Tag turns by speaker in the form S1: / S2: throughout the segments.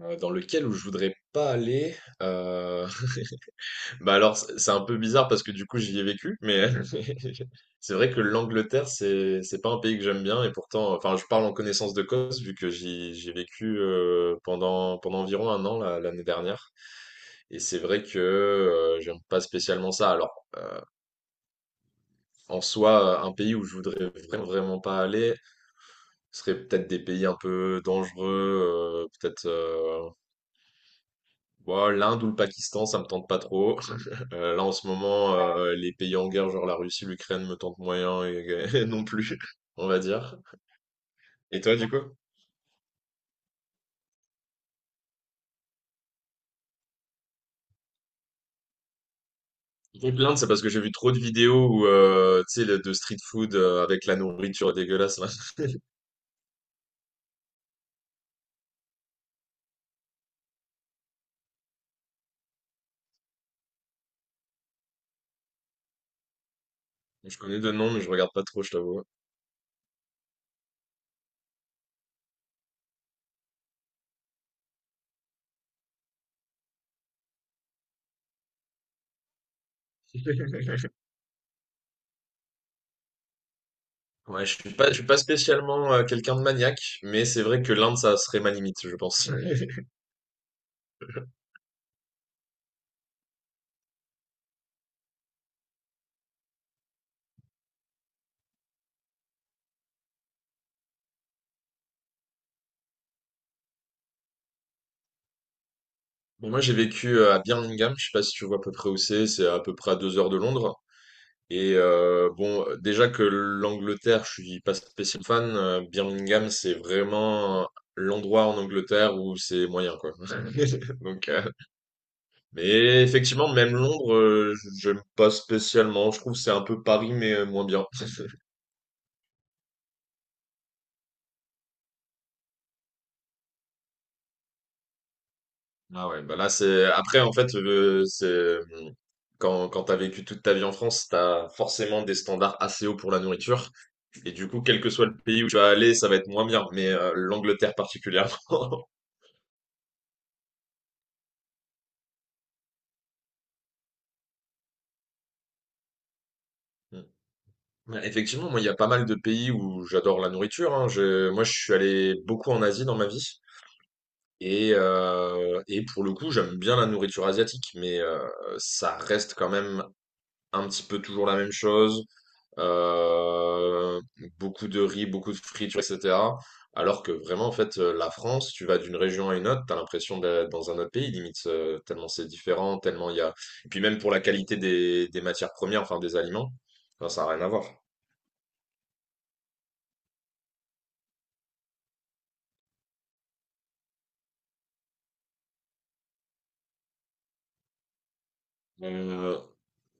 S1: Dans lequel où je voudrais pas aller. euh, Bah alors, c'est un peu bizarre parce que du coup, j'y ai vécu, mais c'est vrai que l'Angleterre, c'est pas un pays que j'aime bien. Et pourtant, enfin, je parle en connaissance de cause vu que j'ai vécu pendant environ un an là, l'année dernière. Et c'est vrai que j'aime pas spécialement ça. Alors, en soi, un pays où je voudrais vraiment vraiment pas aller, ce serait peut-être des pays un peu dangereux, peut-être. Bon, l'Inde ou le Pakistan, ça me tente pas trop. Là, en ce moment. Ouais. Les pays en guerre, genre la Russie, l'Ukraine, me tentent moyen et, non plus, on va dire. Et toi, du coup? Donc l'Inde, c'est parce que j'ai vu trop de vidéos où, tu sais, de street food avec la nourriture dégueulasse, là. Je connais de nom, mais je regarde pas trop, je t'avoue. Ouais, je suis pas spécialement quelqu'un de maniaque, mais c'est vrai que l'Inde, ça serait ma limite, je pense. Bon, moi, j'ai vécu à Birmingham. Je sais pas si tu vois à peu près où c'est à peu près à 2 heures de Londres. Et bon, déjà que l'Angleterre, je suis pas spécialement fan. Birmingham, c'est vraiment l'endroit en Angleterre où c'est moyen, quoi. Donc, mais effectivement, même Londres, j'aime pas spécialement. Je trouve que c'est un peu Paris, mais moins bien. Ah ouais, bah là, c'est après, en fait, c'est quand t'as vécu toute ta vie en France, t'as forcément des standards assez hauts pour la nourriture. Et du coup, quel que soit le pays où tu vas aller, ça va être moins bien. Mais l'Angleterre particulièrement. Ouais, effectivement, moi, il y a pas mal de pays où j'adore la nourriture, hein. Moi, je suis allé beaucoup en Asie dans ma vie. Et pour le coup, j'aime bien la nourriture asiatique, mais ça reste quand même un petit peu toujours la même chose. Euh, Beaucoup de riz, beaucoup de friture, etc. Alors que vraiment, en fait, la France, tu vas d'une région à une autre, t'as l'impression d'être dans un autre pays, limite, tellement c'est différent, tellement il y a... Et puis même pour la qualité des matières premières, enfin des aliments, enfin, ça n'a rien à voir. Euh,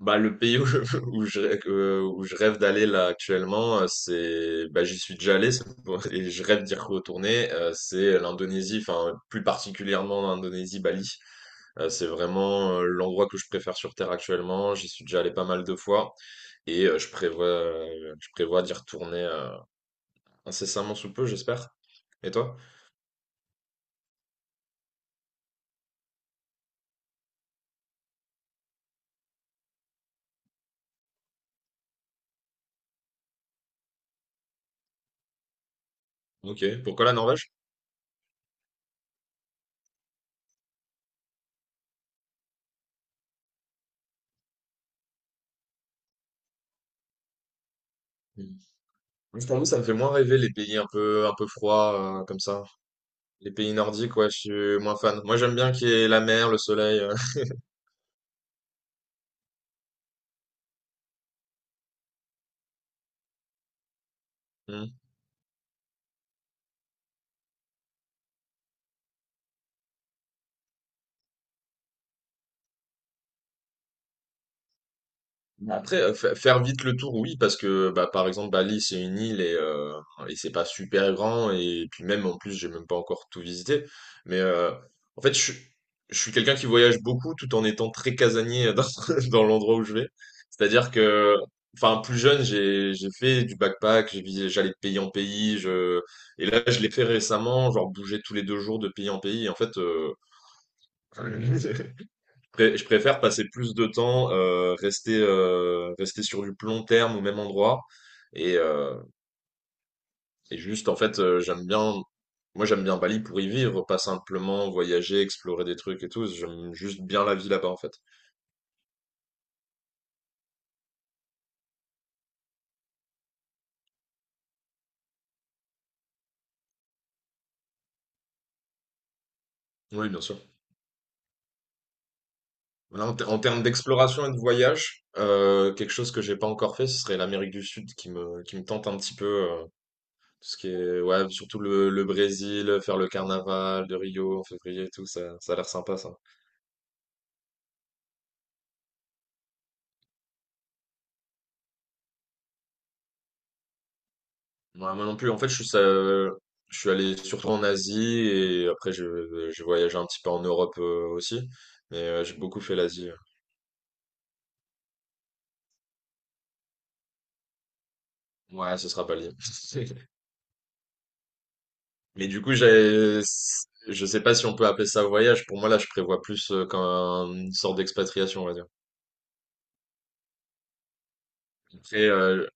S1: Bah, le pays où je rêve d'aller là actuellement, c'est, bah, j'y suis déjà allé, c'est et je rêve d'y retourner. C'est l'Indonésie, enfin plus particulièrement l'Indonésie, Bali. C'est vraiment l'endroit que je préfère sur Terre actuellement. J'y suis déjà allé pas mal de fois et je prévois d'y retourner incessamment sous peu, j'espère. Et toi? Ok. Pourquoi la Norvège? Mm. Je t'avoue, ça me fait moins rêver les pays un peu froids comme ça. Les pays nordiques, ouais, je suis moins fan. Moi, j'aime bien qu'il y ait la mer, le soleil. Mm. Mais après, faire vite le tour, oui, parce que, bah, par exemple, Bali, c'est une île et c'est pas super grand. Et puis même, en plus, j'ai même pas encore tout visité. Mais en fait, je suis quelqu'un qui voyage beaucoup tout en étant très casanier dans l'endroit où je vais. C'est-à-dire que, enfin, plus jeune, j'ai fait du backpack, j'allais de pays en pays. Je... Et là, je l'ai fait récemment, genre bouger tous les 2 jours de pays en pays. Et en fait... Je préfère passer plus de temps, rester sur du plus long terme au même endroit. Et, euh, et juste, en fait, moi j'aime bien Bali pour y vivre, pas simplement voyager, explorer des trucs et tout. J'aime juste bien la vie là-bas, en fait. Oui, bien sûr. Voilà, en termes d'exploration et de voyage, quelque chose que j'ai pas encore fait, ce serait l'Amérique du Sud qui me tente un petit peu. Parce que, ouais, surtout le Brésil, faire le carnaval de Rio en février et tout, ça a l'air sympa, ça. Moi, moi non plus, en fait, je suis allé surtout en Asie et après, j'ai voyagé un petit peu en Europe aussi. Mais j'ai beaucoup fait l'Asie. Ouais. Ouais, ce sera Bali. Mais du coup, je sais pas si on peut appeler ça voyage. Pour moi, là, je prévois plus comme une sorte d'expatriation, on va dire. Après,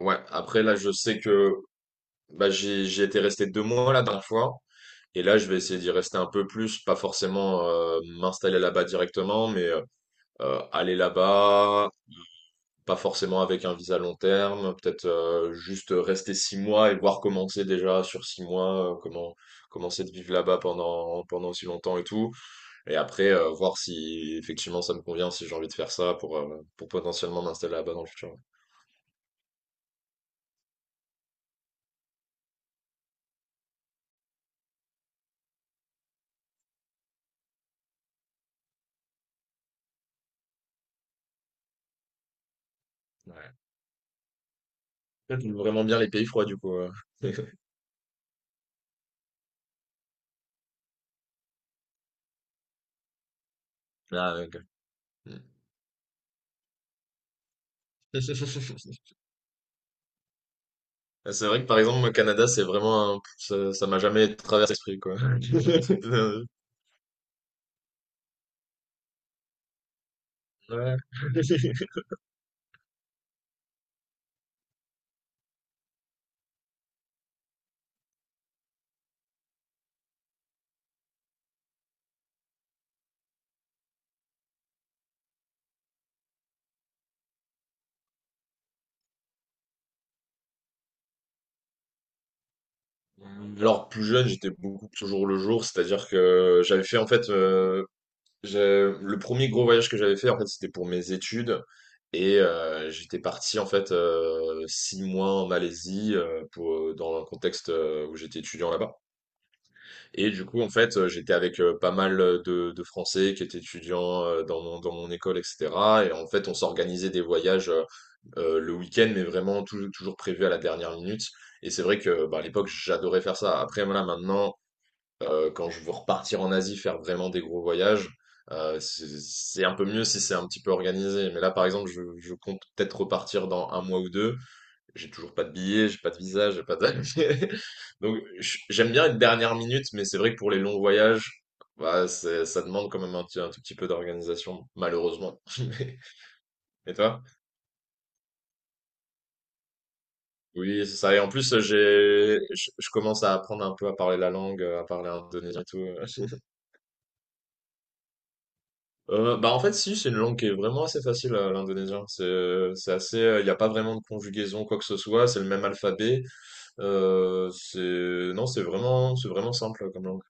S1: ouais, après, là, je sais que... bah, j'ai été resté 2 mois la dernière fois. Et là, je vais essayer d'y rester un peu plus, pas forcément m'installer là-bas directement, mais aller là-bas, pas forcément avec un visa long terme, peut-être juste rester 6 mois et voir comment c'est déjà sur 6 mois, comment c'est de vivre là-bas pendant aussi longtemps et tout. Et après, voir si effectivement ça me convient, si j'ai envie de faire ça pour potentiellement m'installer là-bas dans le futur. Ouais. Ouais. J'aime vraiment bien les pays froids du coup. Ah, ok. C'est vrai que par exemple, moi, Canada, c'est vraiment ça m'a jamais traversé l'esprit, quoi. Ouais. Alors plus jeune, j'étais beaucoup plus au jour le jour, c'est-à-dire que j'avais fait en fait le premier gros voyage que j'avais fait en fait, c'était pour mes études. Et j'étais parti en fait 6 mois en Malaisie pour dans un contexte où j'étais étudiant là-bas. Et du coup, en fait, j'étais avec pas mal de Français qui étaient étudiants dans mon école, etc. Et en fait, on s'organisait des voyages le week-end, mais vraiment toujours prévu à la dernière minute. Et c'est vrai que bah, à l'époque, j'adorais faire ça. Après, voilà, maintenant, quand je veux repartir en Asie, faire vraiment des gros voyages, c'est un peu mieux si c'est un petit peu organisé. Mais là, par exemple, je compte peut-être repartir dans un mois ou deux. J'ai toujours pas de billet, j'ai pas de visa, j'ai pas de... Donc j'aime bien une dernière minute, mais c'est vrai que pour les longs voyages, bah, ça demande quand même un tout petit peu d'organisation, malheureusement. Mais- Et toi? Oui, c'est ça. Et en plus, je commence à apprendre un peu à parler la langue, à parler indonésien et tout. Bah en fait, si, c'est une langue qui est vraiment assez facile, l'indonésien. C'est assez, il n'y a pas vraiment de conjugaison, quoi que ce soit. C'est le même alphabet. C'est, non, c'est vraiment simple comme langue.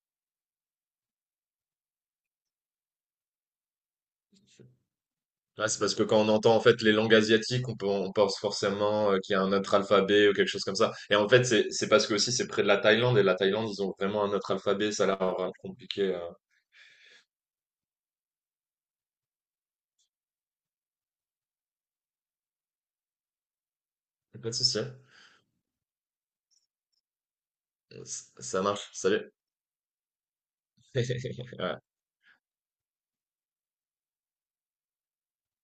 S1: Ah, c'est parce que quand on entend en fait les langues asiatiques, on pense forcément qu'il y a un autre alphabet ou quelque chose comme ça. Et en fait, c'est parce que aussi c'est près de la Thaïlande, et la Thaïlande, ils ont vraiment un autre alphabet. Ça a l'air compliqué. Pas de souci. Ça marche. Salut. Ouais.